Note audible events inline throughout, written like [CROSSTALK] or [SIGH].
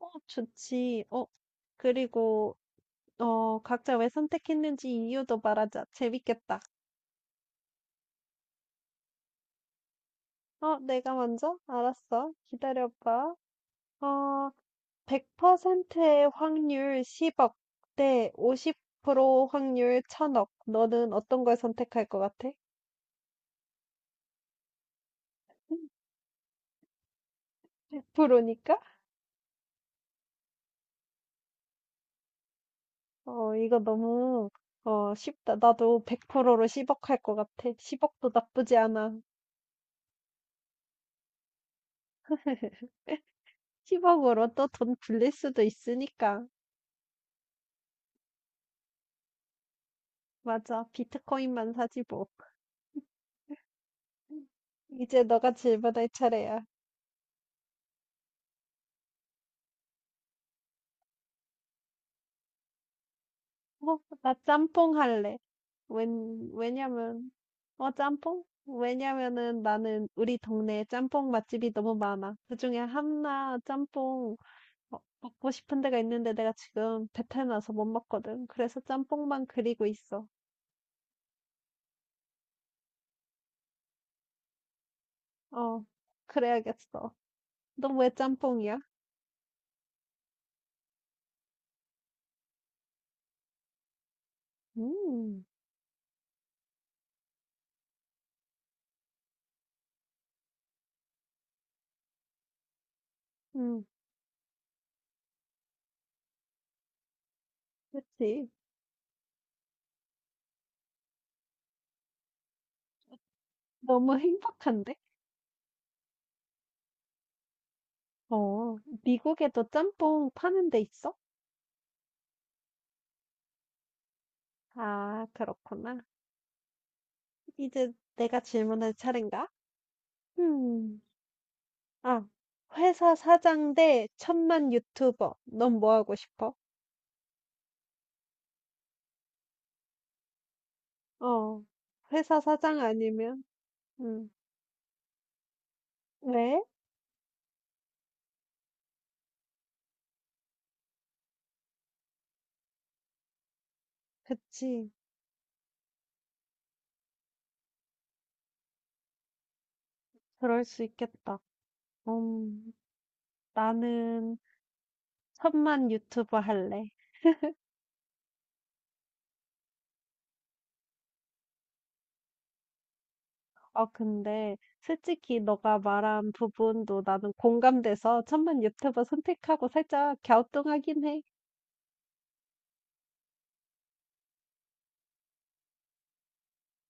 어, 좋지. 어, 그리고, 어, 각자 왜 선택했는지 이유도 말하자. 재밌겠다. 어, 내가 먼저? 알았어. 기다려봐. 어, 100%의 확률 10억 대 50% 확률 1000억. 너는 어떤 걸 선택할 것 같아? [LAUGHS] 100%니까? 어, 이거 너무, 어, 쉽다. 나도 100%로 10억 할 것 같아. 10억도 나쁘지 않아. [LAUGHS] 10억으로 또 돈 굴릴 수도 있으니까. 맞아. 비트코인만 사지 뭐. 이제 너가 질문할 차례야. 어, 나 짬뽕 할래. 왜냐면, 어, 짬뽕? 왜냐면은 나는 우리 동네에 짬뽕 맛집이 너무 많아. 그중에 한나 짬뽕 어, 먹고 싶은 데가 있는데 내가 지금 배탈 나서 못 먹거든. 그래서 짬뽕만 그리고 있어. 어, 그래야겠어. 너 왜 짬뽕이야? 음, 음, 그치. 너무 행복한데? 어, 미국에도 짬뽕 파는 데 있어? 아, 그렇구나. 이제 내가 질문할 차례인가? 음, 아, 회사 사장 대 천만 유튜버. 넌 뭐 하고 싶어? 어, 회사 사장 아니면, 음, 왜? 그치. 그럴 수 있겠다. 음, 나는 천만 유튜버 할래. 어, 근데 솔직히 너가 말한 부분도 나는 공감돼서 천만 유튜버 선택하고 살짝 갸우뚱하긴 해.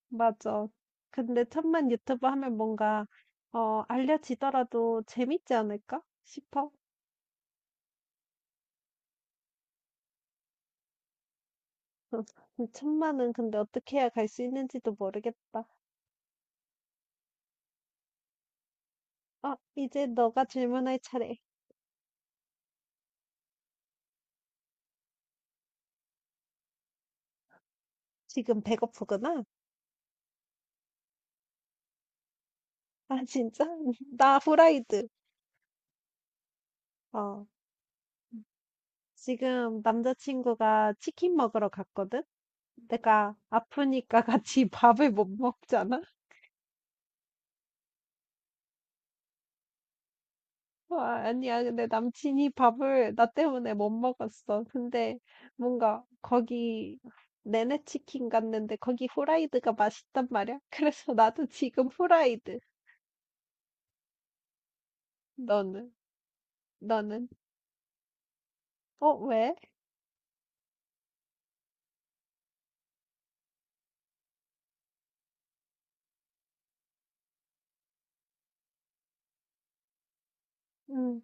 맞아. 근데 천만 유튜브 하면 뭔가 어 알려지더라도 재밌지 않을까 싶어. [LAUGHS] 천만은 근데 어떻게 해야 갈 수 있는지도 모르겠다. 아, 이제 너가 질문할 차례. 지금 배고프구나? 아, 진짜? [LAUGHS] 나 후라이드. 어. 지금 남자친구가 치킨 먹으러 갔거든? 내가 아프니까 같이 [LAUGHS] 밥을 못 먹잖아. 와, 아니야. 근데 남친이 밥을 나 때문에 못 먹었어. 근데 뭔가 거기 내내 치킨 갔는데 거기 후라이드가 맛있단 말이야. [LAUGHS] 그래서 나도 지금 후라이드. 너는? 너는? 어, 왜? 음,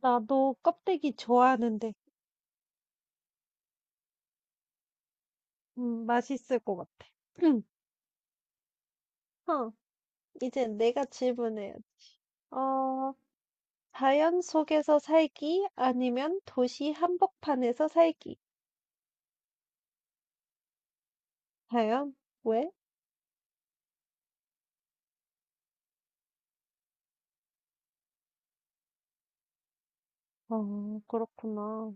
나도 껍데기 좋아하는데, 맛있을 것 같아. 응. 어, 이제 내가 질문해 어, 자연 속에서 살기 아니면 도시 한복판에서 살기. 자연? 왜? 어, 그렇구나.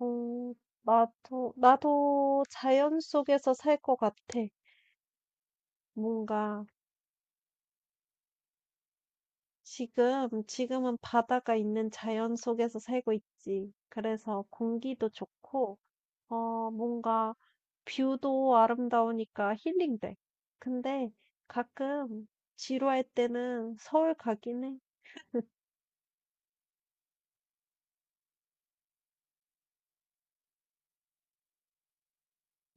어, 나도 자연 속에서 살 것 같아. 뭔가, 지금은 바다가 있는 자연 속에서 살고 있지. 그래서 공기도 좋고, 어, 뭔가, 뷰도 아름다우니까 힐링돼. 근데 가끔 지루할 때는 서울 가긴 해.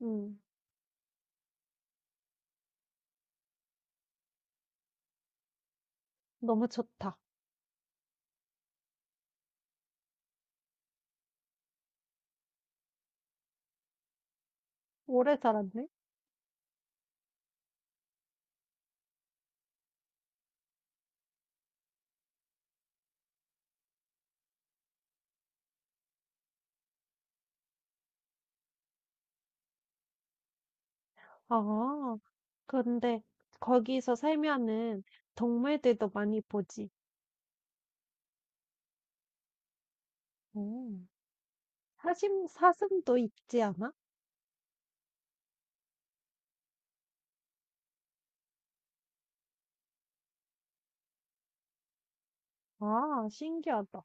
음, 너무 좋다. 오래 살았네. 아, 근데 거기서 살면은 동물들도 많이 보지. 음. 사슴도 있지 않아? 아, 신기하다.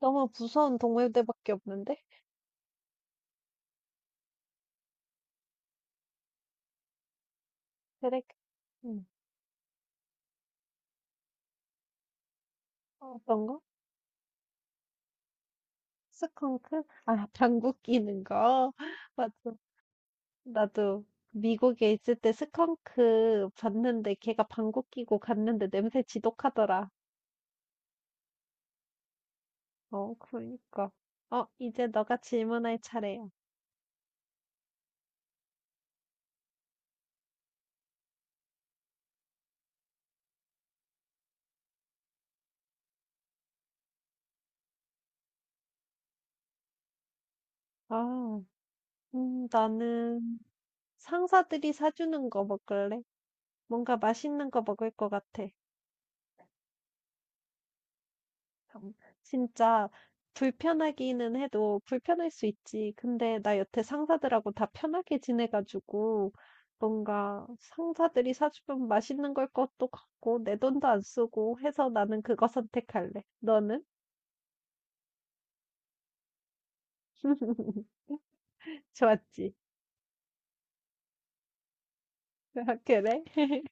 너무 무서운 동물들밖에 없는데? 그래. 응 어떤 거? 스컹크? 아, 방귀 뀌는 거? [LAUGHS] 맞아. 나도 미국에 있을 때 스컹크 봤는데 걔가 방귀 뀌고 갔는데 냄새 지독하더라. 어, 그러니까. 어, 이제 너가 질문할 차례야. 아, 나는 상사들이 사주는 거 먹을래? 뭔가 맛있는 거 먹을 것 같아. 참, 진짜 불편하기는 해도 불편할 수 있지. 근데 나 여태 상사들하고 다 편하게 지내가지고 뭔가 상사들이 사주면 맛있는 걸 것도 같고 내 돈도 안 쓰고 해서 나는 그거 선택할래. 너는? [LAUGHS] 좋았지? 아, 그래? [LAUGHS]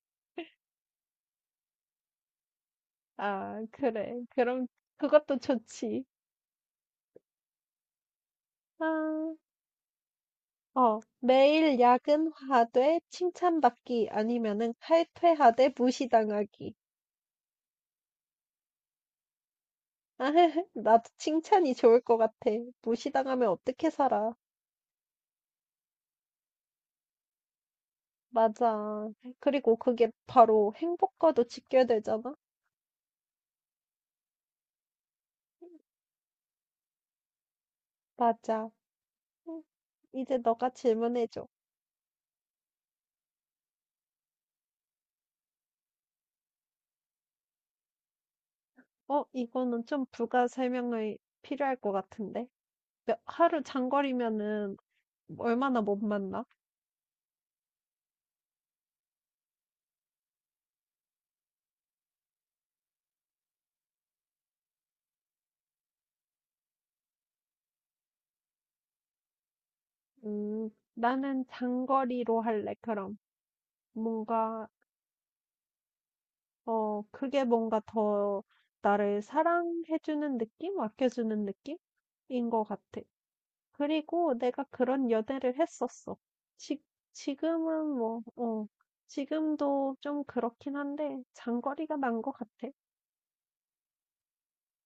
아, 그래. 그럼 그것도 좋지. 아, 어, 매일 야근하되 칭찬받기 아니면은 칼퇴하되 무시당하기. [LAUGHS] 나도 칭찬이 좋을 것 같아. 무시당하면 어떻게 살아? 맞아. 그리고 그게 바로 행복과도 직결되잖아? 맞아. 음, 이제 너가 질문해줘. 어, 이거는 좀 부가 설명이 필요할 것 같은데. 몇- 하루 장거리면은 얼마나 못 만나? 나는 장거리로 할래, 그럼. 뭔가, 어, 그게 뭔가 더 나를 사랑해주는 느낌? 아껴주는 느낌? 인 것 같아. 그리고 내가 그런 연애를 했었어. 지, 지금은 뭐, 어, 지금도 좀 그렇긴 한데, 장거리가 난 것 같아.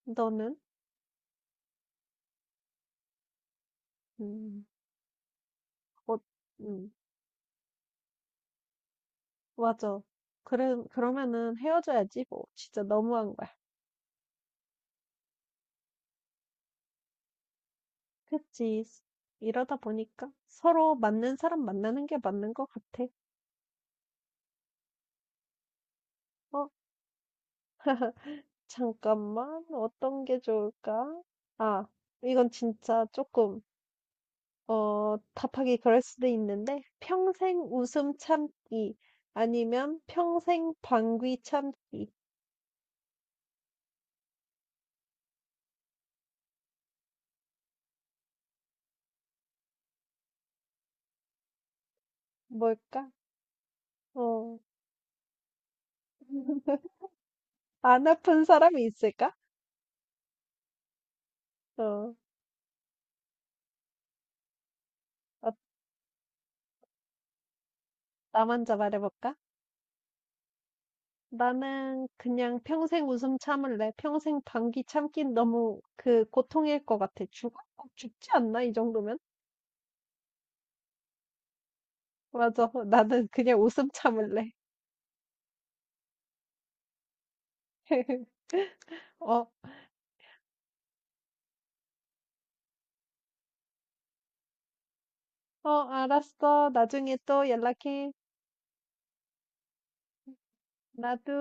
너는? 음, 어, 음, 맞아. 그래, 그러면은 헤어져야지, 뭐. 진짜 너무한 거야. 그치. 이러다 보니까 서로 맞는 사람 만나는 게 맞는 것 같아. 어, 잠깐만. 어떤 게 좋을까? 아, 이건 진짜 조금 어 답하기 그럴 수도 있는데 평생 웃음 참기 아니면 평생 방귀 참기 뭘까? 어. [LAUGHS] 안 아픈 사람이 있을까? 어. 어, 나 먼저 말해볼까? 나는 그냥 평생 웃음 참을래. 평생 방귀 참긴 너무 그 고통일 것 같아. 죽어? 어, 죽지 않나? 이 정도면? 맞아. 어, 나는 그냥 웃음 참을래. [LAUGHS] 어, 어, 알았어. 나중에 또 연락해. 나도.